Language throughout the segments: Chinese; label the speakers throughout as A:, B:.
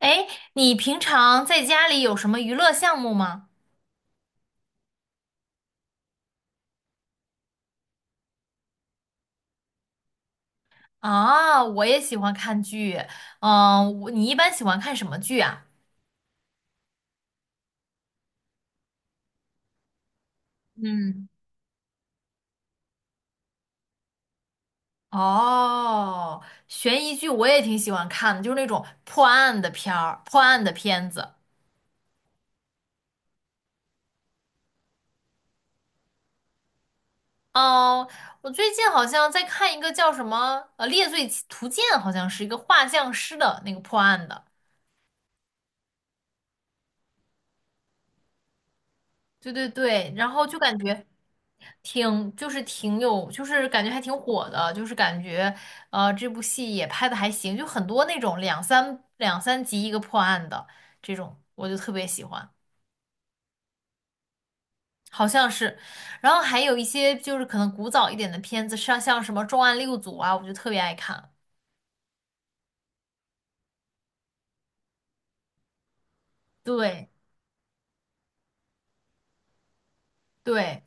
A: 哎，你平常在家里有什么娱乐项目吗？啊，我也喜欢看剧。嗯，你一般喜欢看什么剧啊？嗯，哦，悬疑剧我也挺喜欢看的，就是那种破案的片儿、破案的片子。哦，我最近好像在看一个叫什么《猎罪图鉴》，好像是一个画像师的那个破案的。对对对，然后就感觉。就是挺有，就是感觉还挺火的，就是感觉这部戏也拍的还行，就很多那种两三集一个破案的这种，我就特别喜欢，好像是。然后还有一些就是可能古早一点的片子，像什么《重案六组》啊，我就特别爱看。对对，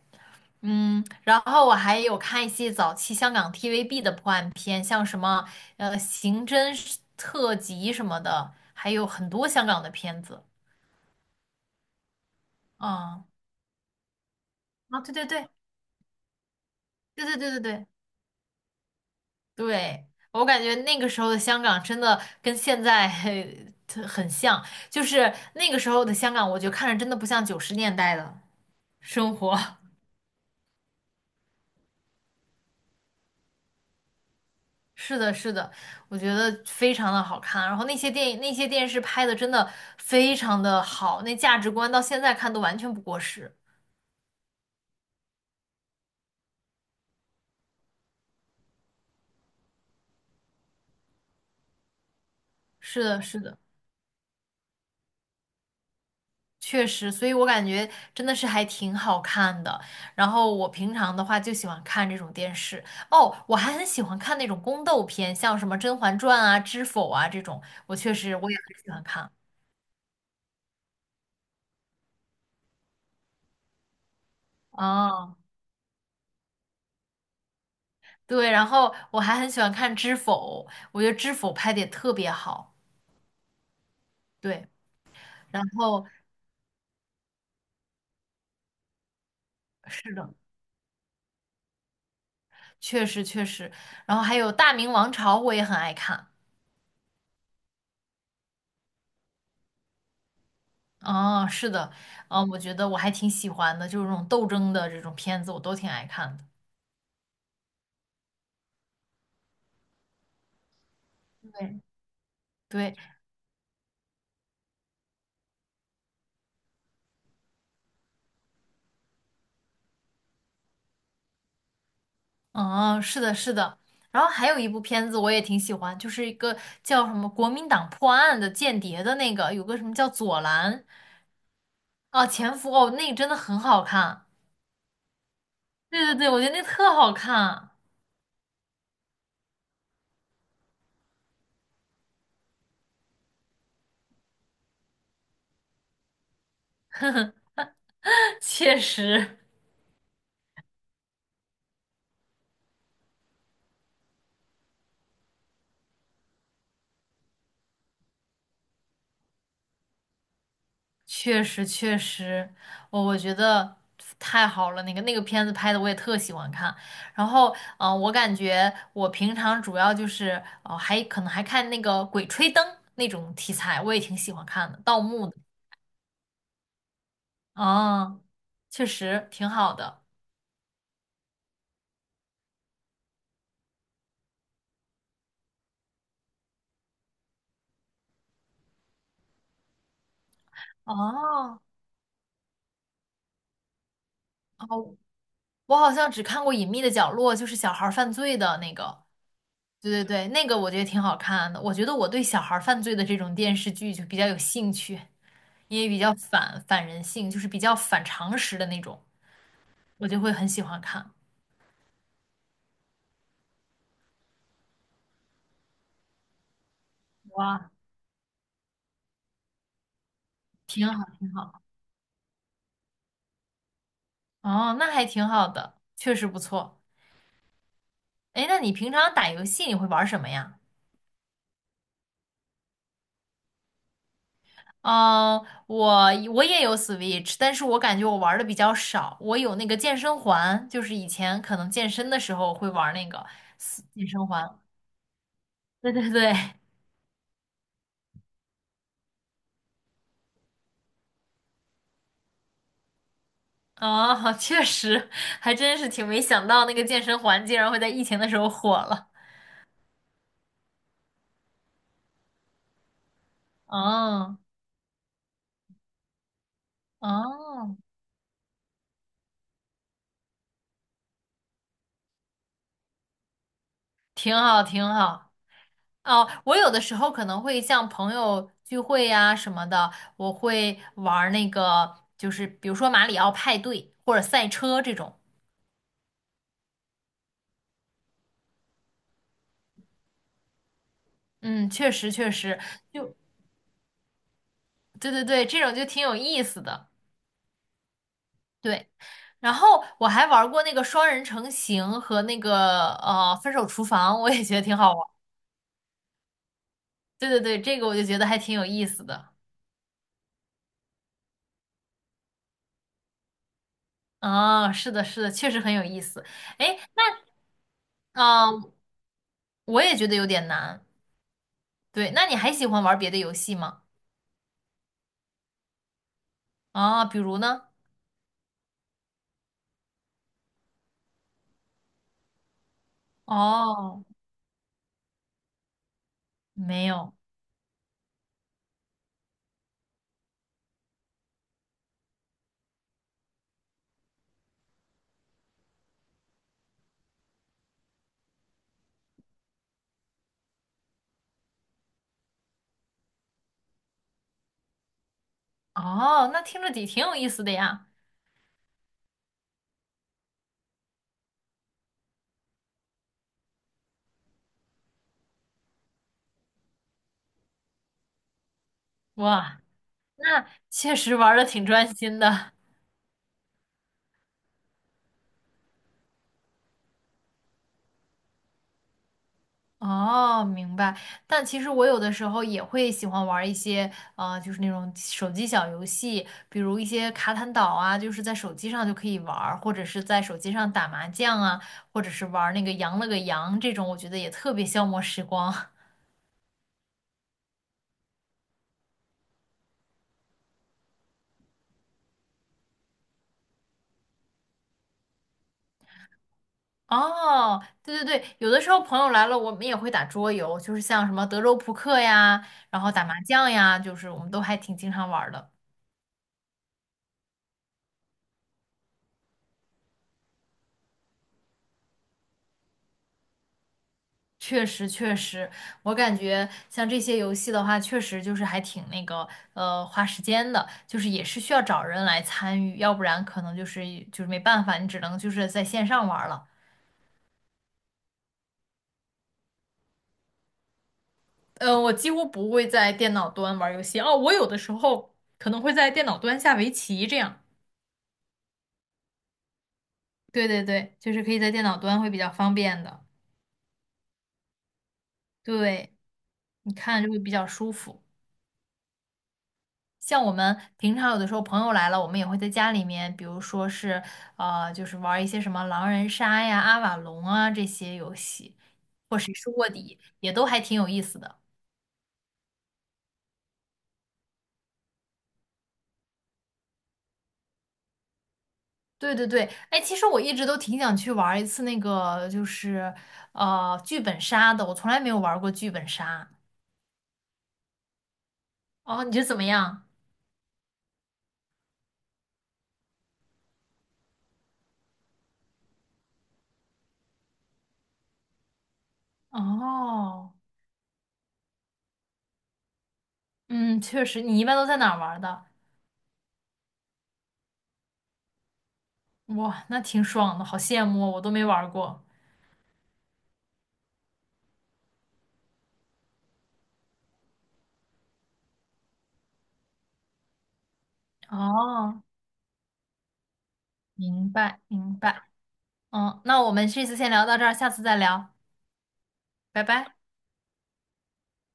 A: 嗯，然后我还有看一些早期香港 TVB 的破案片，像什么刑侦特辑什么的，还有很多香港的片子。嗯。啊，对对对对对对对对对，我感觉那个时候的香港真的跟现在很像，就是那个时候的香港，我觉得看着真的不像九十年代的生活。是的，是的，我觉得非常的好看。然后那些电影、那些电视拍的真的非常的好，那价值观到现在看都完全不过时。是的，是的。确实，所以我感觉真的是还挺好看的。然后我平常的话就喜欢看这种电视。哦，我还很喜欢看那种宫斗片，像什么《甄嬛传》啊、《知否》啊这种，我确实我也很喜欢看。哦，对，然后我还很喜欢看《知否》，我觉得《知否》拍的也特别好。对，然后是的，确实确实，然后还有《大明王朝》，我也很爱看。哦，是的，嗯，我觉得我还挺喜欢的，就是这种斗争的这种片子，我都挺爱看的。对对，嗯，是的，是的。然后还有一部片子我也挺喜欢，就是一个叫什么《国民党破案》的间谍的那个，有个什么叫左蓝啊前夫哦，那个真的很好看。对对对，我觉得那特好看，确实，确实，确实，我觉得太好了，那个片子拍的我也特喜欢看。然后，嗯、我感觉我平常主要就是，哦、还可能还看那个《鬼吹灯》那种题材，我也挺喜欢看的，盗墓的。哦，确实挺好的。哦，哦，我好像只看过《隐秘的角落》，就是小孩儿犯罪的那个。对对对，那个我觉得挺好看的。我觉得我对小孩儿犯罪的这种电视剧就比较有兴趣，因为比较反人性，就是比较反常识的那种，我就会很喜欢看。哇，挺好，挺好。哦，那还挺好的，确实不错。哎，那你平常打游戏你会玩什么呀？嗯，我我也有 Switch,但是我感觉我玩的比较少。我有那个健身环，就是以前可能健身的时候会玩那个健身环。对对对，哦，确实，还真是挺没想到那个健身环竟然会在疫情的时候火了。哦哦，挺好挺好。哦，我有的时候可能会像朋友聚会呀、什么的，我会玩儿那个，就是比如说马里奥派对或者赛车这种。嗯，确实确实，就对对对，这种就挺有意思的。对，然后我还玩过那个双人成行和那个分手厨房，我也觉得挺好玩。对对对，这个我就觉得还挺有意思的。啊，是的，是的，确实很有意思。哎，那我也觉得有点难。对，那你还喜欢玩别的游戏吗？啊，比如呢？哦，没有。哦，那听着底挺有意思的呀。哇，那确实玩的挺专心的。哦，明白。但其实我有的时候也会喜欢玩儿一些，就是那种手机小游戏，比如一些卡坦岛啊，就是在手机上就可以玩儿或者是在手机上打麻将啊，或者是玩儿那个羊了个羊这种，我觉得也特别消磨时光。哦，对对对，有的时候朋友来了，我们也会打桌游，就是像什么德州扑克呀，然后打麻将呀，就是我们都还挺经常玩儿的。确实，确实，我感觉像这些游戏的话，确实就是还挺那个，花时间的，就是也是需要找人来参与，要不然可能就是没办法，你只能就是在线上玩儿了。我几乎不会在电脑端玩儿游戏，哦，我有的时候可能会在电脑端下围棋这样。对对对，就是可以在电脑端会比较方便的，对，你看就会比较舒服。像我们平常有的时候朋友来了，我们也会在家里面，比如说是就是玩儿一些什么狼人杀呀、阿瓦隆啊这些游戏，或谁是卧底，也都还挺有意思的。对对对，哎，其实我一直都挺想去玩儿一次那个，就是剧本杀的，我从来没有玩儿过剧本杀。哦，你觉得怎么样？哦，嗯，确实，你一般都在哪儿玩儿的？哇，那挺爽的，好羡慕哦我都没玩儿过。哦，明白明白。嗯，那我们这次先聊到这儿，下次再聊，拜拜。